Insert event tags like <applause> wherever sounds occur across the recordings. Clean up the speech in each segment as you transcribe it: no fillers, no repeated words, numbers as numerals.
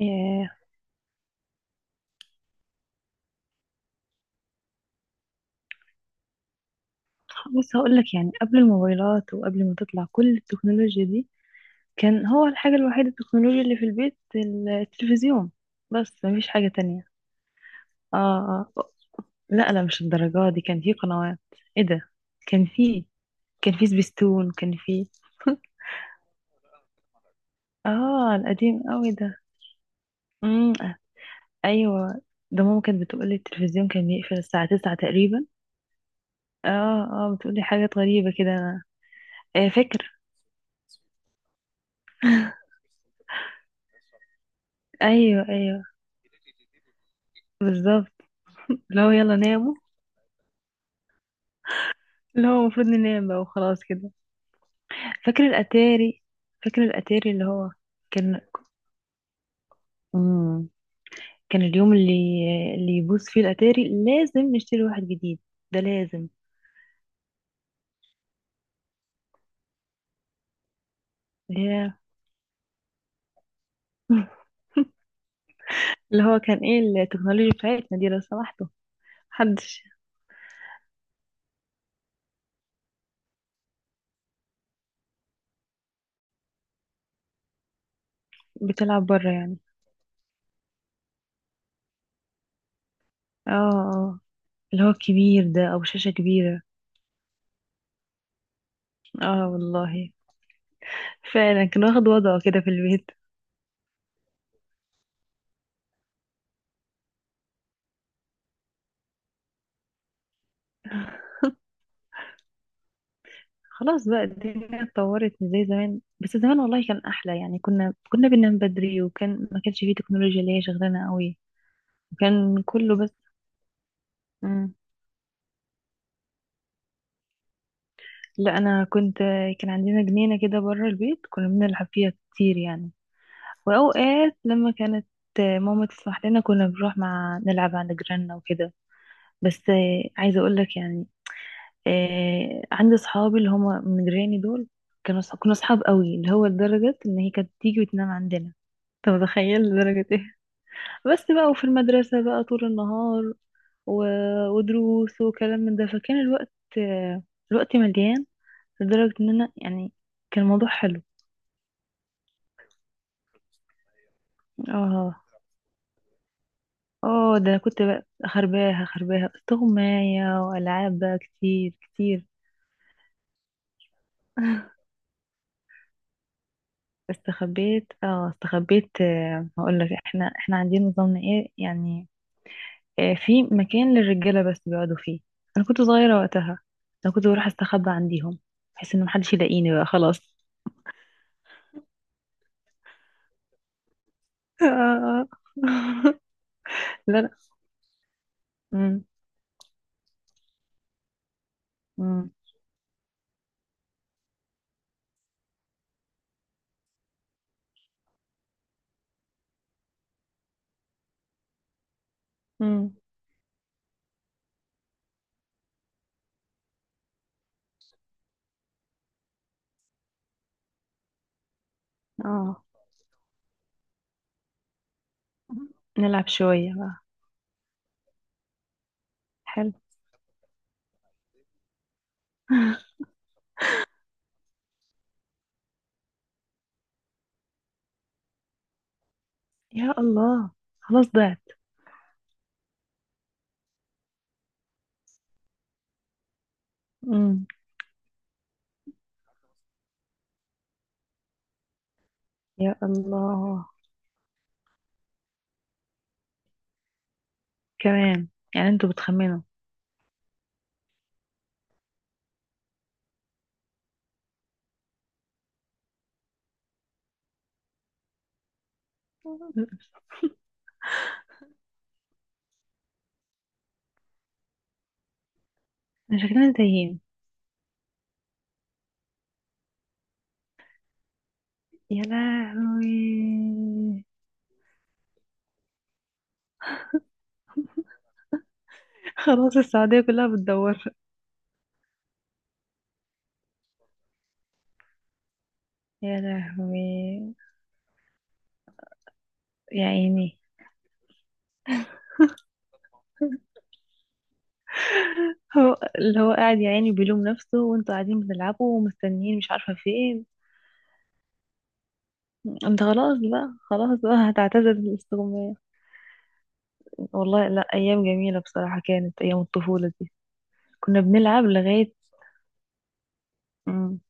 إيه، بص هقول لك يعني قبل الموبايلات وقبل ما تطلع كل التكنولوجيا دي، كان هو الحاجة الوحيدة التكنولوجيا اللي في البيت التلفزيون. بس مفيش حاجة تانية. اه، اه، لا لا، مش الدرجة دي، كان في قنوات. ايه ده؟ كان في، سبيستون، كان في. <laughs> اه، القديم قوي ده. امم ايوه، ده ماما كانت بتقولي التلفزيون كان بيقفل الساعة تسعة تقريبا. اه، اه، بتقولي حاجات غريبة كده انا. إيه، فاكر. ايوه ايوه، بالظبط. لو يلا ناموا، اللي هو المفروض ننام بقى وخلاص كده. فاكر الاتاري؟ اللي هو كان، امم كان اليوم اللي يبوظ فيه الاتاري لازم نشتري واحد جديد. ده لازم. ياه. <laughs> اللي هو كان ايه التكنولوجيا بتاعتنا دي لو سمحتوا؟ محدش. بتلعب بره يعني. اه، اه، اللي هو الكبير ده، او شاشة كبيرة. اه والله، فعلا كان واخد وضعه كده في البيت. خلاص بقى، الدنيا اتطورت مش زي زمان، بس زمان والله كان احلى يعني. كنا بننام بدري، وكان ما كانش فيه تكنولوجيا اللي هي شغلانه قوي، وكان كله بس. مم. لا انا كنت، كان عندنا جنينه كده بره البيت كنا بنلعب فيها كتير يعني. واوقات لما كانت ماما تسمح لنا كنا بنروح مع، نلعب عند جيراننا وكده. بس عايزه اقول لك يعني، عندي صحابي اللي هم من جيراني دول، كنا صحاب قوي، اللي هو لدرجه ان هي كانت تيجي وتنام عندنا. انت متخيل لدرجه ايه؟ بس بقى، وفي المدرسة بقى طول النهار، و... ودروس وكلام من ده، فكان الوقت مليان. لدرجة ان انا يعني كان الموضوع حلو. اه اه، ده انا كنت بقى خرباها خرباها استغماية، والعاب بقى كتير كتير. <laughs> استخبيت، هقول لك احنا، عندنا نظامنا ايه يعني. في مكان للرجالة بس بيقعدوا فيه، انا كنت صغيرة وقتها، انا كنت بروح استخبى عنديهم بحيث ان محدش يلاقيني بقى خلاص. <laughs> آه، آه. لا لا. مم. مم. مم. اه، نلعب شوية بقى. حلو. يا الله. خلاص ضعت. مم. يا الله. كمان، يعني انتوا بتخمنوا. أنا شكلنا تايهين. يا لهوي، خلاص السعودية كلها بتدور. يا لهوي. يا عيني. هو اللي هو قاعد يا عيني بيلوم نفسه، وانتوا قاعدين بتلعبوا ومستنيين، مش عارفة في ايه. انت خلاص بقى، خلاص بقى هتعتزل الاستغماية. والله لا، ايام جميله بصراحه، كانت ايام الطفوله دي. كنا بنلعب لغايه. امم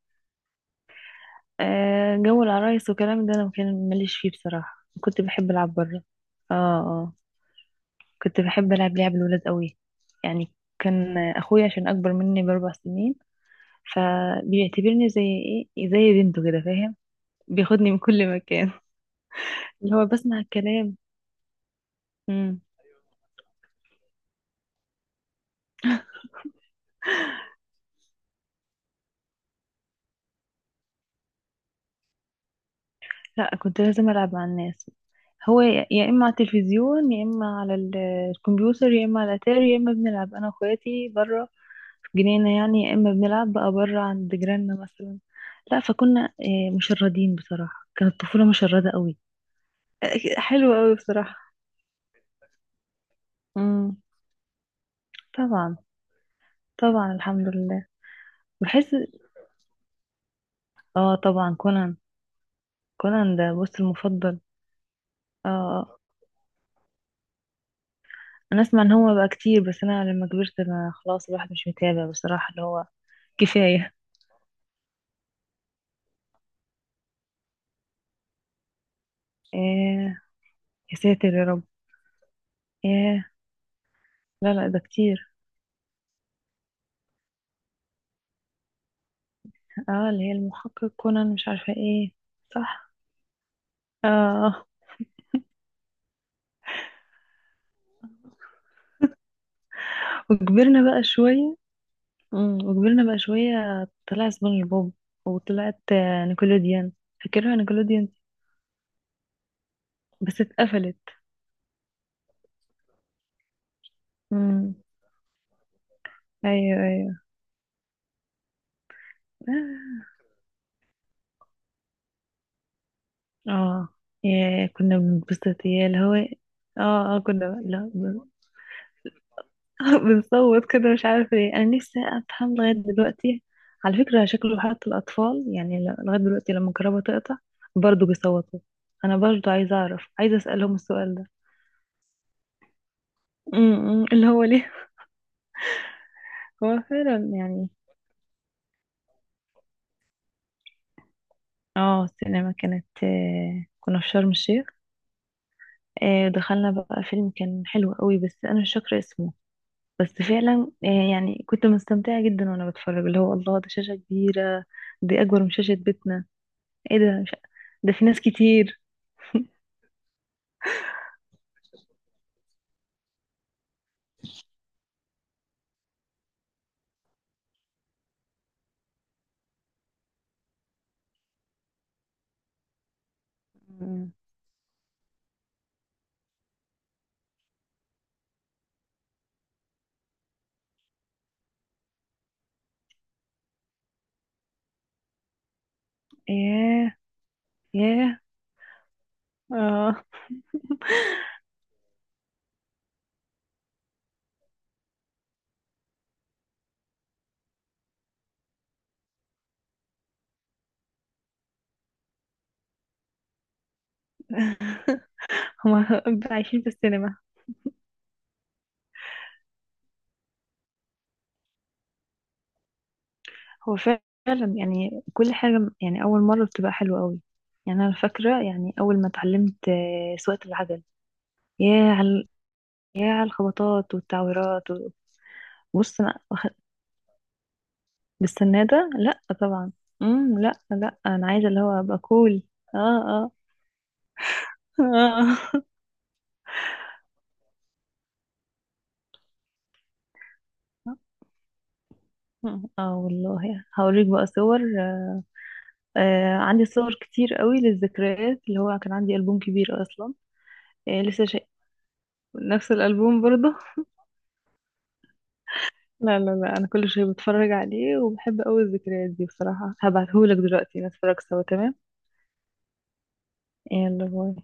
جو العرايس والكلام ده انا ما كان ماليش فيه بصراحه، كنت بحب العب بره. اه، اه، كنت بحب العب لعب الولاد قوي يعني. كان اخويا عشان اكبر مني باربع سنين، فبيعتبرني زي، زي بنته كده، فاهم؟ بياخدني من كل مكان، <laughs> اللي هو بسمع الكلام. مم. لا كنت لازم ألعب مع الناس. هو يا، إما على التلفزيون، يا إما على الكمبيوتر، يا إما على الأتاري، يا إما بنلعب أنا وأخواتي برا في جنينة يعني، يا إما بنلعب بقى برا عند جيراننا مثلا. لا فكنا، مشردين بصراحة، كانت الطفولة مشردة قوي. حلوة قوي بصراحة. امم طبعا، طبعا الحمد لله. بحس، اه، طبعا كونان. كونان ده بص المفضل. اه، آه. انا اسمع ان هو بقى كتير، بس انا لما كبرت ما، خلاص الواحد مش متابع بصراحة، اللي هو كفاية. ايه؟ يا ساتر يا رب. ايه؟ لا لا، ده كتير. اه، اللي هي المحقق كونان مش عارفة ايه. صح. اه، وكبرنا بقى شوية وكبرنا بقى شوية، طلع سبونج بوب، وطلعت نيكولوديان. فاكرها نيكولوديان، بس اتقفلت. امم ايوه ايوه. اه، يا كنا بنتبسط، يا اللي هو إيه؟ اه اه، كنا لا، <laughs> بنصوت كده مش عارفة ليه، أنا نفسي أفهم لغاية دلوقتي. على فكرة شكله حتى الأطفال يعني، لغاية دلوقتي لما الكهرباء تقطع برضه بيصوتوا. أنا برضه عايزة أعرف، عايزة أسألهم السؤال ده، م- م، اللي هو ليه. <laughs> هو فعلا يعني. اه، السينما كانت، كنا في شرم الشيخ. دخلنا بقى فيلم كان حلو قوي، بس أنا مش فاكرة اسمه. بس فعلا، يعني كنت مستمتعة جدا وأنا بتفرج، اللي هو الله ده شاشة كبيرة، دي أكبر من شاشة بيتنا. ايه ده؟ مش ده في ناس كتير. مم. ياه ياه. اه، هما <laughs> عايشين في السينما. هو فعلا يعني كل حاجة يعني أول مرة بتبقى حلوة قوي. يعني أنا فاكرة يعني أول ما اتعلمت سواقة العجل. ياه على، الخبطات والتعويرات بص أنا بالسنة ده لأ طبعا. مم، لأ لأ، أنا عايزة اللي هو أبقى كول. اه، اه، اه. <laughs> اه والله هوريك بقى صور. عندي صور كتير قوي للذكريات، اللي هو كان عندي ألبوم كبير أصلا. يعني لسه شيء. نفس الألبوم برضه. لا لا لا، أنا كل شوية بتفرج عليه وبحب أوي الذكريات دي بصراحة. هبعتهولك دلوقتي نتفرج سوا، تمام. يلا باي.